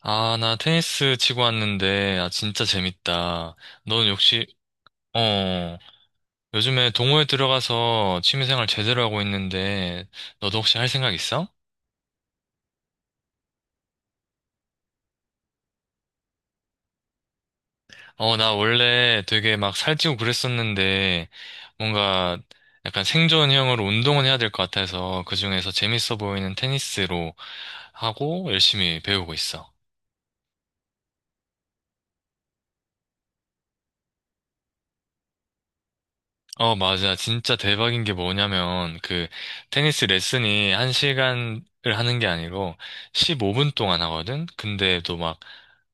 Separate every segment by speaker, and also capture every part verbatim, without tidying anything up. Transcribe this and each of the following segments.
Speaker 1: 아, 나 테니스 치고 왔는데, 아, 진짜 재밌다. 넌 역시, 어, 요즘에 동호회 들어가서 취미생활 제대로 하고 있는데, 너도 혹시 할 생각 있어? 어, 나 원래 되게 막 살찌고 그랬었는데, 뭔가 약간 생존형으로 운동은 해야 될 것 같아서, 그중에서 재밌어 보이는 테니스로 하고 열심히 배우고 있어. 어, 맞아. 진짜 대박인 게 뭐냐면, 그, 테니스 레슨이 한 시간을 하는 게 아니고, 십오 분 동안 하거든? 근데 또 막,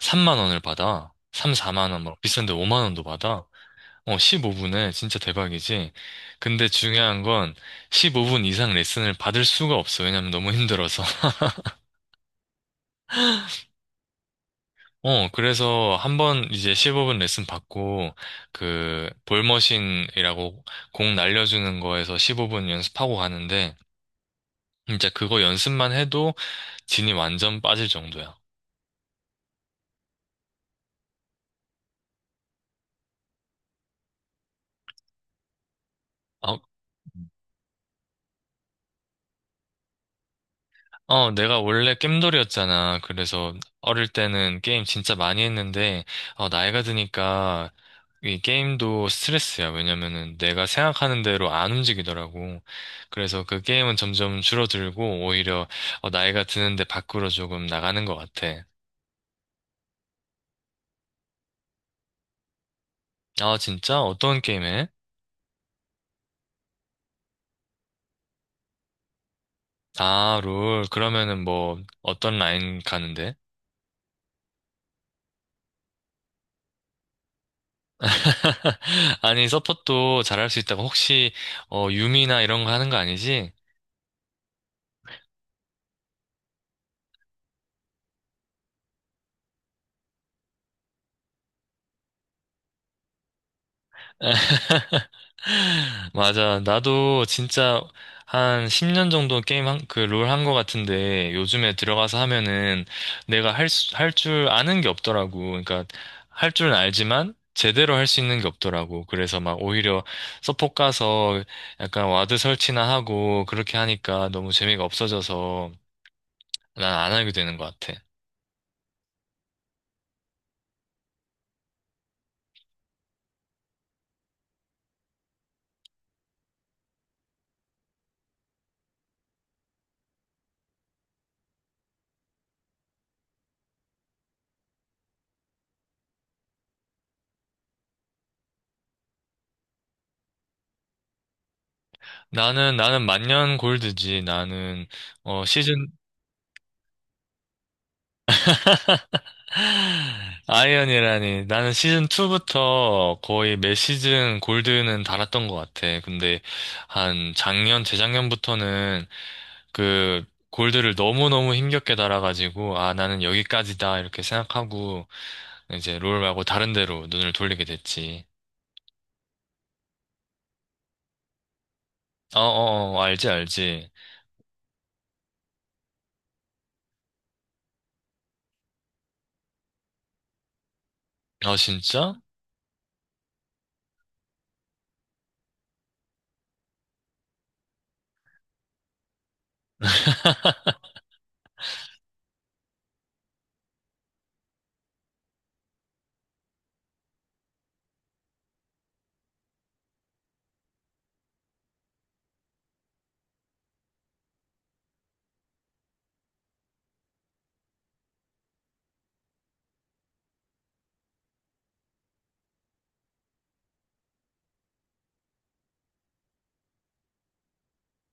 Speaker 1: 삼만 원을 받아. 삼, 사만 원, 뭐, 비싼데 오만 원도 받아. 어, 십오 분에 진짜 대박이지. 근데 중요한 건, 십오 분 이상 레슨을 받을 수가 없어. 왜냐면 너무 힘들어서. 어, 그래서 한번 이제 십오 분 레슨 받고, 그, 볼머신이라고 공 날려주는 거에서 십오 분 연습하고 가는데, 진짜 그거 연습만 해도 진이 완전 빠질 정도야. 어, 어, 내가 원래 겜돌이었잖아. 그래서 어릴 때는 게임 진짜 많이 했는데, 어, 나이가 드니까 이 게임도 스트레스야. 왜냐면은 내가 생각하는 대로 안 움직이더라고. 그래서 그 게임은 점점 줄어들고, 오히려 어, 나이가 드는데 밖으로 조금 나가는 것 같아. 아, 진짜? 어떤 게임 해? 아, 롤. 그러면은 뭐, 어떤 라인 가는데? 아니, 서폿도 잘할 수 있다고 혹시 어, 유미나 이런 거 하는 거 아니지? 맞아. 나도 진짜 한 십 년 정도 게임 한, 그 롤 한 거 같은데 요즘에 들어가서 하면은 내가 할, 수- 할 줄 아는 게 없더라고. 그러니까 할 줄은 알지만 제대로 할 수 있는 게 없더라고. 그래서 막 오히려 서폿 가서 약간 와드 설치나 하고 그렇게 하니까 너무 재미가 없어져서 난 안 하게 되는 것 같아. 나는 나는 만년 골드지. 나는 어 시즌 아이언이라니. 나는 시즌 이부터 거의 매 시즌 골드는 달았던 것 같아. 근데 한 작년 재작년부터는 그 골드를 너무너무 힘겹게 달아가지고 아 나는 여기까지다 이렇게 생각하고 이제 롤 말고 다른 데로 눈을 돌리게 됐지. 어어어 알지 알지. 어 진짜?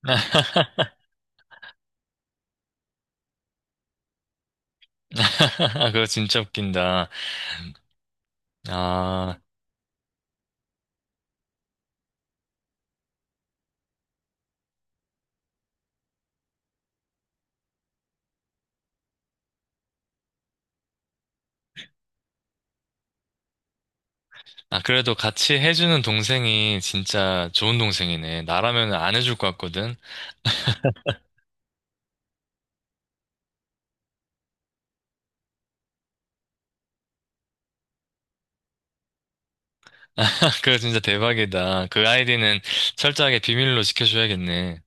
Speaker 1: 그거 진짜 웃긴다. 아. 아, 그래도 같이 해주는 동생이 진짜 좋은 동생이네. 나라면 안 해줄 것 같거든. 그거 진짜 대박이다. 그 아이디는 철저하게 비밀로 지켜줘야겠네.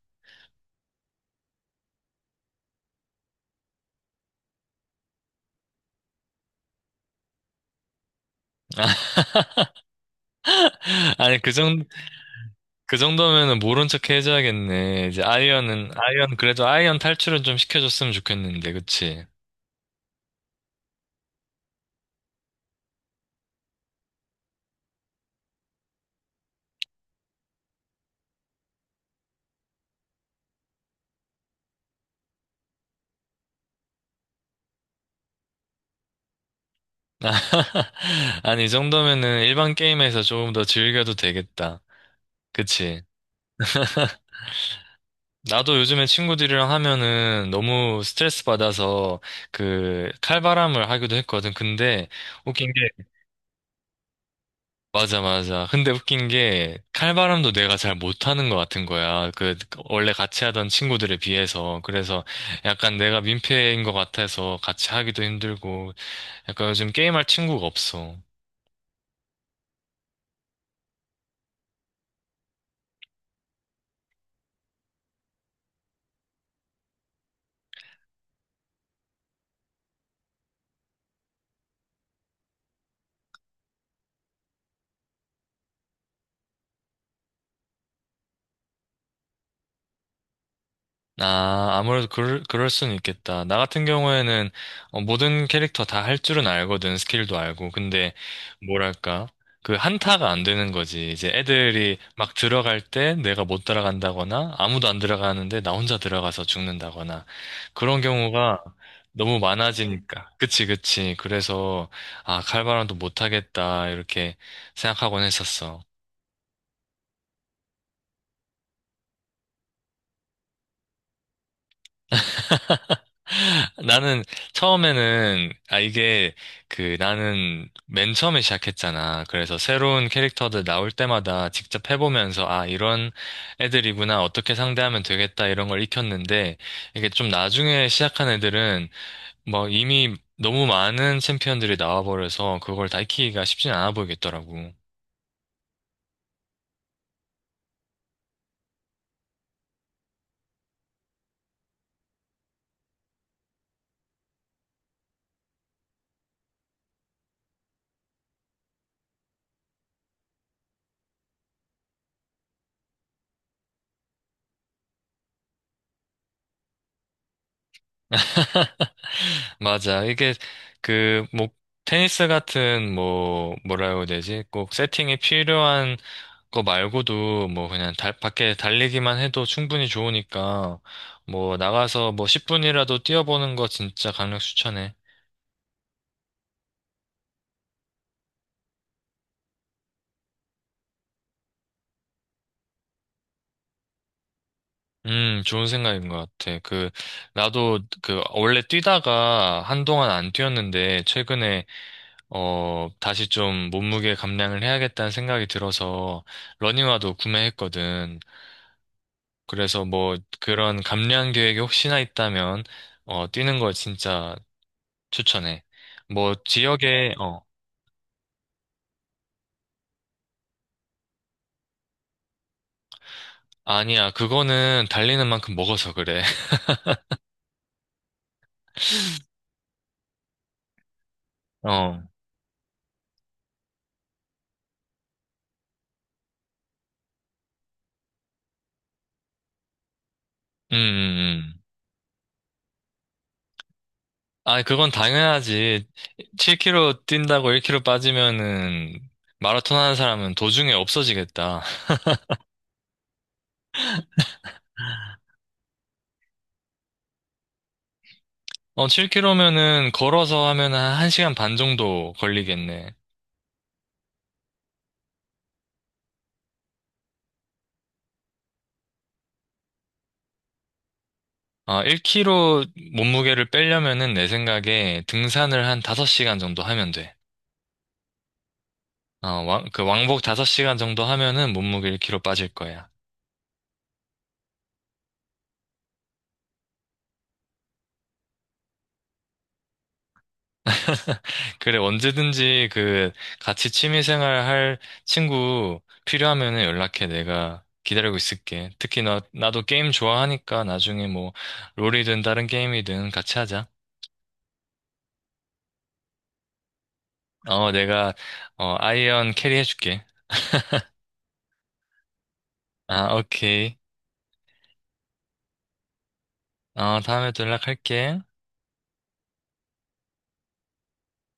Speaker 1: 아니, 그 정, 그 정도면은 모른 척 해줘야겠네. 이제 아이언은, 아이언, 그래도 아이언 탈출은 좀 시켜줬으면 좋겠는데, 그치? 아니, 이 정도면은 일반 게임에서 조금 더 즐겨도 되겠다. 그치? 나도 요즘에 친구들이랑 하면은 너무 스트레스 받아서 그 칼바람을 하기도 했거든. 근데 웃긴 게 맞아 맞아. 근데 웃긴 게 칼바람도 내가 잘 못하는 것 같은 거야. 그 원래 같이 하던 친구들에 비해서 그래서 약간 내가 민폐인 것 같아서 같이 하기도 힘들고 약간 요즘 게임할 친구가 없어. 아, 아무래도 그럴, 그럴 수는 있겠다. 나 같은 경우에는 어, 모든 캐릭터 다 할 줄은 알거든, 스킬도 알고. 근데, 뭐랄까, 그 한타가 안 되는 거지. 이제 애들이 막 들어갈 때 내가 못 따라간다거나, 아무도 안 들어가는데 나 혼자 들어가서 죽는다거나, 그런 경우가 너무 많아지니까. 그치, 그치. 그래서, 아, 칼바람도 못하겠다, 이렇게 생각하곤 했었어. 나는 처음에는 아 이게 그 나는 맨 처음에 시작했잖아. 그래서 새로운 캐릭터들 나올 때마다 직접 해보면서 아 이런 애들이구나 어떻게 상대하면 되겠다 이런 걸 익혔는데 이게 좀 나중에 시작한 애들은 뭐 이미 너무 많은 챔피언들이 나와버려서 그걸 다 익히기가 쉽진 않아 보이겠더라고. 맞아. 이게 그 뭐 테니스 같은 뭐 뭐라고 해야 되지? 꼭 세팅이 필요한 그거 말고도 뭐 그냥 달, 밖에 달리기만 해도 충분히 좋으니까 뭐 나가서 뭐 십 분이라도 뛰어보는 거 진짜 강력 추천해. 음, 좋은 생각인 것 같아. 그, 나도 그, 원래 뛰다가 한동안 안 뛰었는데, 최근에, 어, 다시 좀 몸무게 감량을 해야겠다는 생각이 들어서, 러닝화도 구매했거든. 그래서 뭐, 그런 감량 계획이 혹시나 있다면, 어, 뛰는 걸 진짜 추천해. 뭐, 지역에. 어 아니야, 그거는 달리는 만큼 먹어서 그래. 어, 음, 음, 음. 아, 그건 당연하지. 칠 킬로 뛴다고 일 킬로 빠지면은 마라톤 하는 사람은 도중에 없어지겠다. 어, 칠 킬로면은 걸어서 하면 한 1시간 반 정도 걸리겠네. 아, 일 킬로 몸무게를 빼려면은 내 생각에 등산을 한 다섯 시간 정도 하면 돼. 어, 왕, 그 왕복 다섯 시간 정도 하면은 몸무게 일 킬로 빠질 거야. 그래, 언제든지 그 같이 취미생활 할 친구 필요하면은 연락해. 내가 기다리고 있을게. 특히 나, 나도 게임 좋아하니까 나중에 뭐 롤이든 다른 게임이든 같이 하자. 어, 내가 어, 아이언 캐리 해줄게. 아, 오케이. 어, 다음에 또 연락할게.